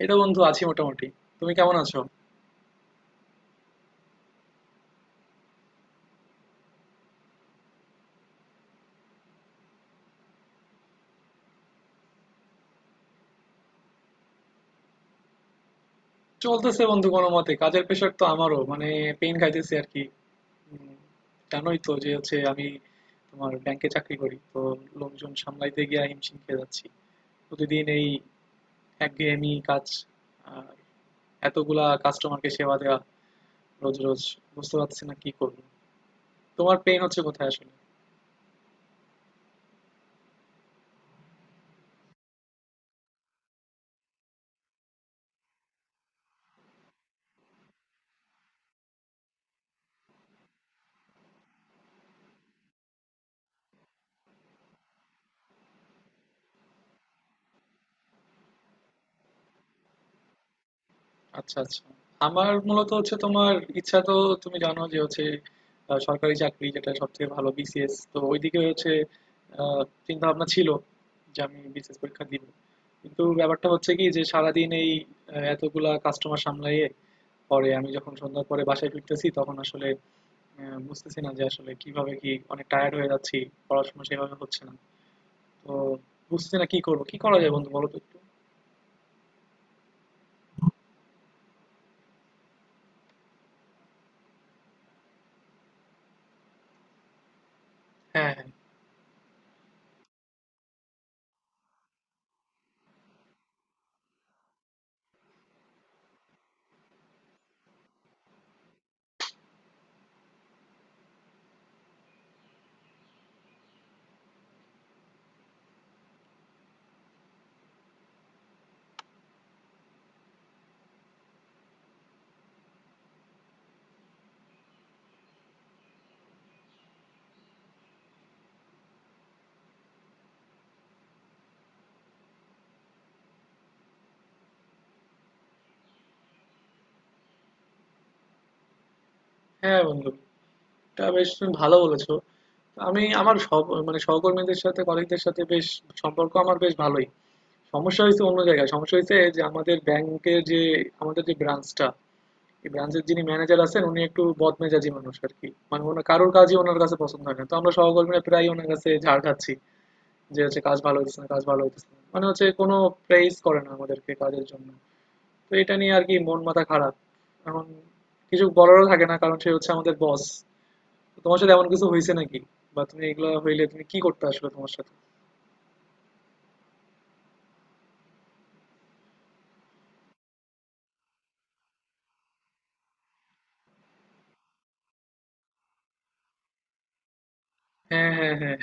এই তো বন্ধু আছি মোটামুটি। তুমি কেমন আছো? চলতেছে বন্ধু কোনো মতে, কাজের প্রেশার তো আমারও, মানে পেন খাইতেছি আর কি। উম, জানোই তো যে হচ্ছে আমি তোমার ব্যাংকে চাকরি করি তো, লোকজন সামলাইতে গিয়ে হিমশিম খেয়ে যাচ্ছি। প্রতিদিন এই একঘেয়েমি কাজ, আর এতগুলা কাস্টমারকে সেবা দেওয়া রোজ রোজ। বুঝতে পারছি না কি করবো। তোমার পেন হচ্ছে কোথায় আসলে? আচ্ছা আচ্ছা, আমার মূলত হচ্ছে তোমার ইচ্ছা তো, তুমি জানো যে হচ্ছে সরকারি চাকরি যেটা সব থেকে ভালো বিসিএস, তো ওইদিকে হচ্ছে চিন্তা ভাবনা ছিল যে আমি বিসিএস পরীক্ষা দিব। কিন্তু ব্যাপারটা হচ্ছে কি, যে সারাদিন এই এতগুলা কাস্টমার সামলাইয়ে পরে আমি যখন সন্ধ্যার পরে বাসায় ফিরতেছি, তখন আসলে বুঝতেছি না যে আসলে কিভাবে কি, অনেক টায়ার্ড হয়ে যাচ্ছি, পড়াশোনা সেভাবে হচ্ছে না। তো বুঝতেছি না কি করবো, কি করা যায় বন্ধু বলো তো একটু। হ্যাঁ হ্যাঁ হ্যাঁ, বন্ধু এটা বেশ তুমি ভালো বলেছো। আমি আমার সব মানে সহকর্মীদের সাথে, কলিগদের সাথে বেশ সম্পর্ক, আমার বেশ ভালোই। সমস্যা হয়েছে অন্য জায়গায়, সমস্যা হয়েছে যে আমাদের ব্যাংকের যে আমাদের যে ব্রাঞ্চটা, এই ব্রাঞ্চের যিনি ম্যানেজার আছেন উনি একটু বদমেজাজি মানুষ আর কি, মানে ওনার কারোর কাজই ওনার কাছে পছন্দ হয় না, তো আমরা সহকর্মীরা প্রায় ওনার কাছে ঝাড় খাচ্ছি যে হচ্ছে কাজ ভালো হইতেছে না, কাজ ভালো হইতেছে না, মানে হচ্ছে কোনো প্রেইজ করে না আমাদেরকে কাজের জন্য। তো এটা নিয়ে আর কি মন মাথা খারাপ। এখন কিছু বলারও থাকে না, কারণ সে হচ্ছে আমাদের বস। তো তোমার সাথে এমন কিছু হয়েছে নাকি, বা তুমি এগুলো হইলে তুমি কি করতে আসলে তোমার সাথে? হ্যাঁ হ্যাঁ হ্যাঁ।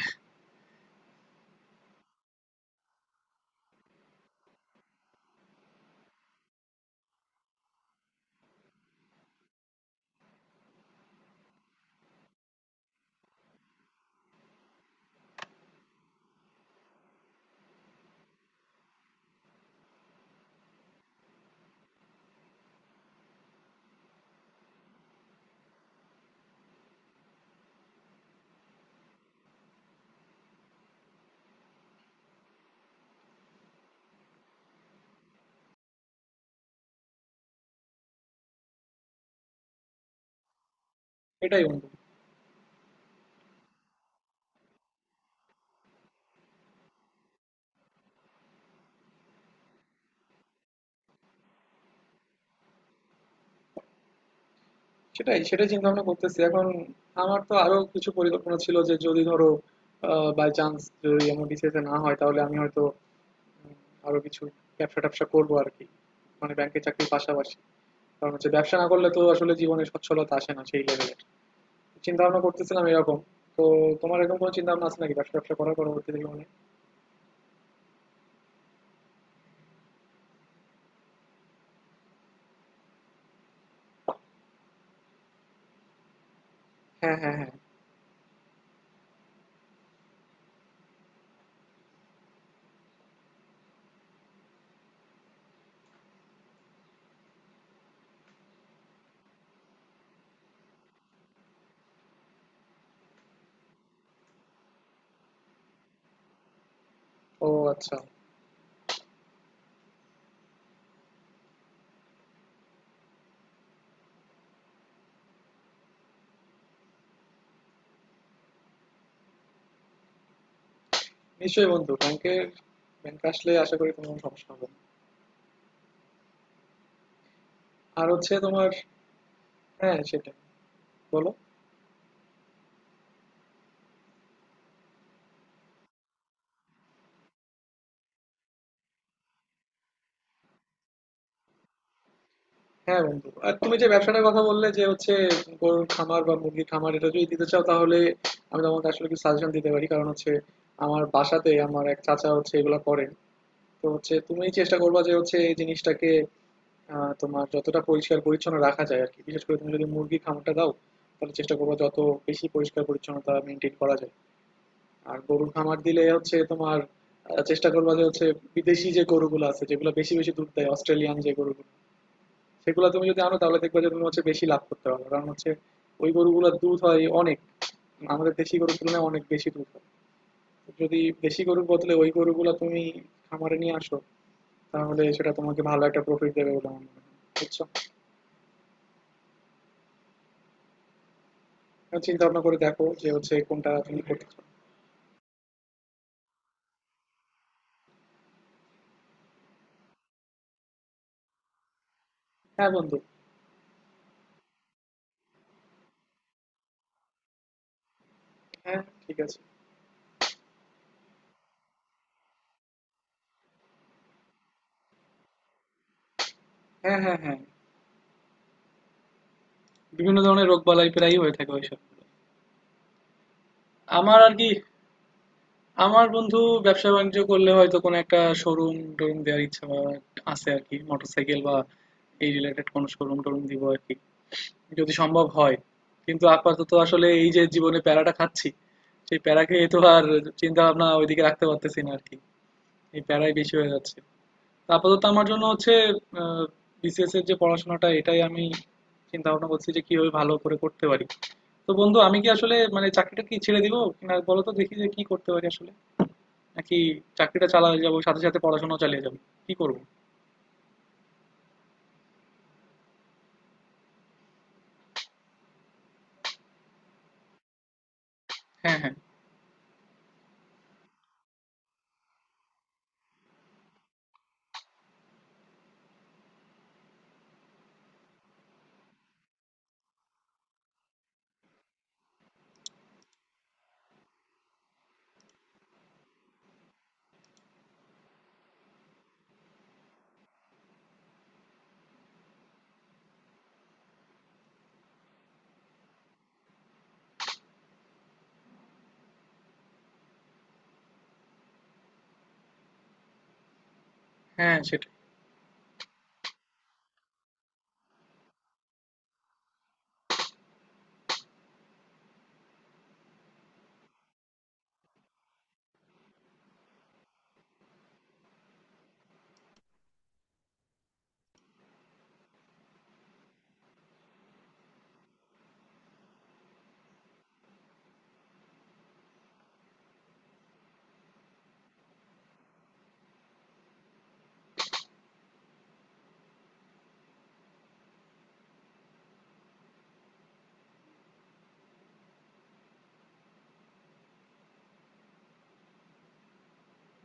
এটাই বন্ধু। সেটাই সেটাই চিন্তা ভাবনা করতেছি এখন। আমার তো আরো কিছু পরিকল্পনা ছিল, যে যদি ধরো বাই চান্স যদি আমার বিসিএস না হয়, তাহলে আমি হয়তো উম, আরো কিছু ব্যবসা ট্যাবসা করবো আর কি, মানে ব্যাংকের চাকরির পাশাপাশি। কারণ হচ্ছে ব্যবসা না করলে তো আসলে জীবনে সচ্ছলতা আসে না সেই লেভেলে। চিন্তা ভাবনা করতেছিলাম এরকম। তো তোমার এরকম কোনো চিন্তা ভাবনা আছে নাকি ব্যবসা ট্যাবসা করার পরবর্তীতে জীবনে? হ্যাঁ হ্যাঁ হ্যাঁ। ও আচ্ছা। নিশ্চয়ই বন্ধু, ব্যাংকের ব্যাংক আসলে আশা করি তোমার কোনো সমস্যা হবে না। আর হচ্ছে তোমার, হ্যাঁ সেটাই, বলো। হ্যাঁ বন্ধু, আর তুমি যে ব্যবসাটার কথা বললে যে হচ্ছে গরুর খামার বা মুরগির খামার, এটা যদি দিতে চাও তাহলে আমি তোমাকে আসলে কিছু সাজেশন দিতে পারি। কারণ হচ্ছে আমার বাসাতে আমার এক চাচা হচ্ছে এগুলো করেন। তো হচ্ছে তুমি চেষ্টা করবা যে হচ্ছে এই জিনিসটাকে তোমার যতটা পরিষ্কার পরিচ্ছন্ন রাখা যায় আর কি, বিশেষ করে তুমি যদি মুরগির খামারটা দাও তাহলে চেষ্টা করবা যত বেশি পরিষ্কার পরিচ্ছন্নতা মেনটেন করা যায়। আর গরুর খামার দিলে হচ্ছে তোমার চেষ্টা করবা যে হচ্ছে বিদেশি যে গরুগুলো আছে যেগুলো বেশি বেশি দুধ দেয়, অস্ট্রেলিয়ান যে গরুগুলো, সেগুলো তুমি যদি আনো তাহলে দেখবা যে তুমি হচ্ছে বেশি লাভ করতে পারবে। কারণ হচ্ছে ওই গরুগুলোর দুধ হয় অনেক, আমাদের দেশি গরুর তুলনায় অনেক বেশি দুধ হয়। যদি দেশি গরুর বদলে ওই গরুগুলো তুমি খামারে নিয়ে আসো তাহলে সেটা তোমাকে ভালো একটা প্রফিট দেবে বলে আমার মনে হয়। বুঝছো? চিন্তা ভাবনা করে দেখো যে হচ্ছে কোনটা তুমি করতে চাও। হ্যাঁ বন্ধু। হ্যাঁ ঠিক আছে। হ্যাঁ হ্যাঁ হ্যাঁ। বিভিন্ন ধরনের রোগবালাই প্রায়ই হয়ে থাকে ওইসব। আমার আর কি, আমার বন্ধু ব্যবসা বাণিজ্য করলে হয়তো কোনো একটা শোরুম টোরুম দেওয়ার ইচ্ছা বা আছে আর কি, মোটরসাইকেল বা এই রিলেটেড কোনো শোরুম টোরুম দিব আর কি, যদি সম্ভব হয়। কিন্তু আপাতত আসলে এই যে জীবনে প্যারাটা খাচ্ছি, সেই প্যারা খেয়ে তো আর চিন্তা ভাবনা ওইদিকে রাখতে পারতেছি না আর কি। এই প্যারাই বেশি হয়ে যাচ্ছে। তো আপাতত আমার জন্য হচ্ছে বিসিএস এর যে পড়াশোনাটা, এটাই আমি চিন্তা ভাবনা করছি যে কিভাবে ভালো করে করতে পারি। তো বন্ধু আমি কি আসলে মানে চাকরিটা কি ছেড়ে দিব না, বলো তো দেখি যে কি করতে পারি আসলে, নাকি চাকরিটা চালাতে যাবো সাথে সাথে পড়াশোনাও চালিয়ে যাবো, কি করব? হ্যাঁ হ্যাঁ হ্যাঁ। সেটাই।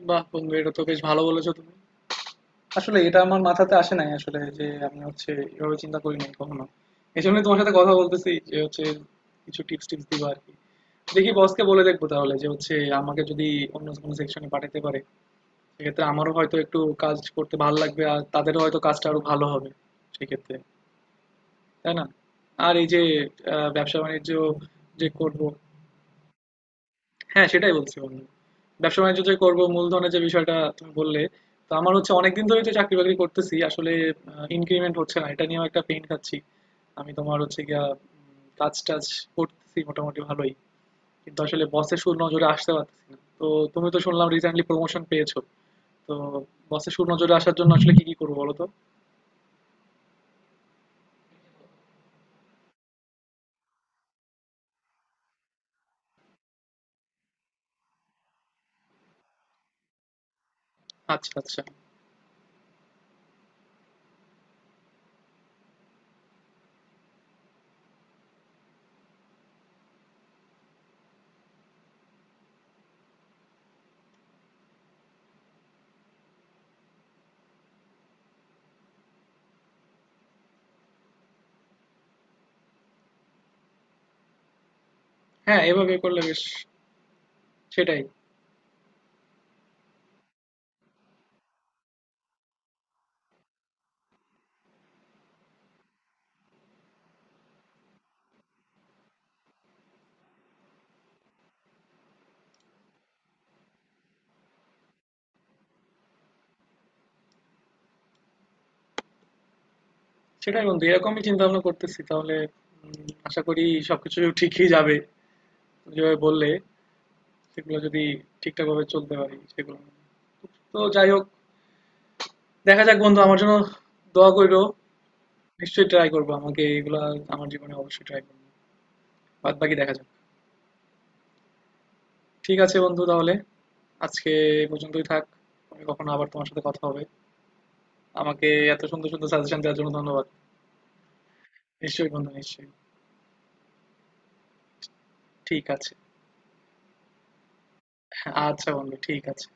বাহ বন্ধু, এটা তো বেশ ভালো বলেছো তুমি। আসলে এটা আমার মাথাতে আসে নাই আসলে, যে আমি হচ্ছে এভাবে চিন্তা করি নাই কখনো। এই জন্যই তোমার সাথে কথা বলতেছি যে হচ্ছে কিছু টিপস টিপস দিবা আর কি। দেখি বসকে বলে দেখবো তাহলে যে হচ্ছে আমাকে যদি অন্য কোনো সেকশনে পাঠাতে পারে। সেক্ষেত্রে আমারও হয়তো একটু কাজ করতে ভালো লাগবে, আর তাদেরও হয়তো কাজটা আরো ভালো হবে সেক্ষেত্রে, তাই না? আর এই যে ব্যবসা বাণিজ্য যে করব, হ্যাঁ, সেটাই বলছি বন্ধু। ব্যবসা-বাণিজ্য যে করব, মূলধনের যে বিষয়টা তুমি বললে, তো আমার হচ্ছে অনেকদিন ধরেই তো চাকরি-বাকরি করতেছি। আসলে ইনক্রিমেন্ট হচ্ছে না। এটা নিয়েও একটা পেইন খাচ্ছি। আমি তোমার হচ্ছে গিয়া কাজ-টাজ করতেছি মোটামুটি ভালোই। কিন্তু আসলে বসের সুনজরে আসতে পারতেছি না। তো তুমি তো শুনলাম রিসেন্টলি প্রমোশন পেয়েছো। তো বসের সুনজরে আসার জন্য আসলে কি, কি করবো বলো তো? আচ্ছা, আচ্ছা। হ্যাঁ, এভাবে করলে বেশ, সেটাই। সেটাই বন্ধু, এরকমই চিন্তা-ভাবনা করতেছি। তাহলে আশা করি সবকিছু ঠিকই যাবে। তুমি যেভাবে বললে সেগুলো যদি ঠিকঠাকভাবে চলতে পারি সেগুলো। তো যাই হোক, দেখা যাক বন্ধু। আমার জন্য দোয়া করো। নিশ্চয়ই ট্রাই করবো, আমাকে এগুলা আমার জীবনে অবশ্যই ট্রাই করবো। বাদ বাকি দেখা যাক। ঠিক আছে বন্ধু, তাহলে আজকে এই পর্যন্তই থাক, পরে কখনো আবার তোমার সাথে কথা হবে। আমাকে এত সুন্দর সুন্দর সাজেশন দেওয়ার জন্য ধন্যবাদ। নিশ্চয়ই বন্ধু, নিশ্চয়ই। ঠিক আছে। আচ্ছা বন্ধু ঠিক আছে।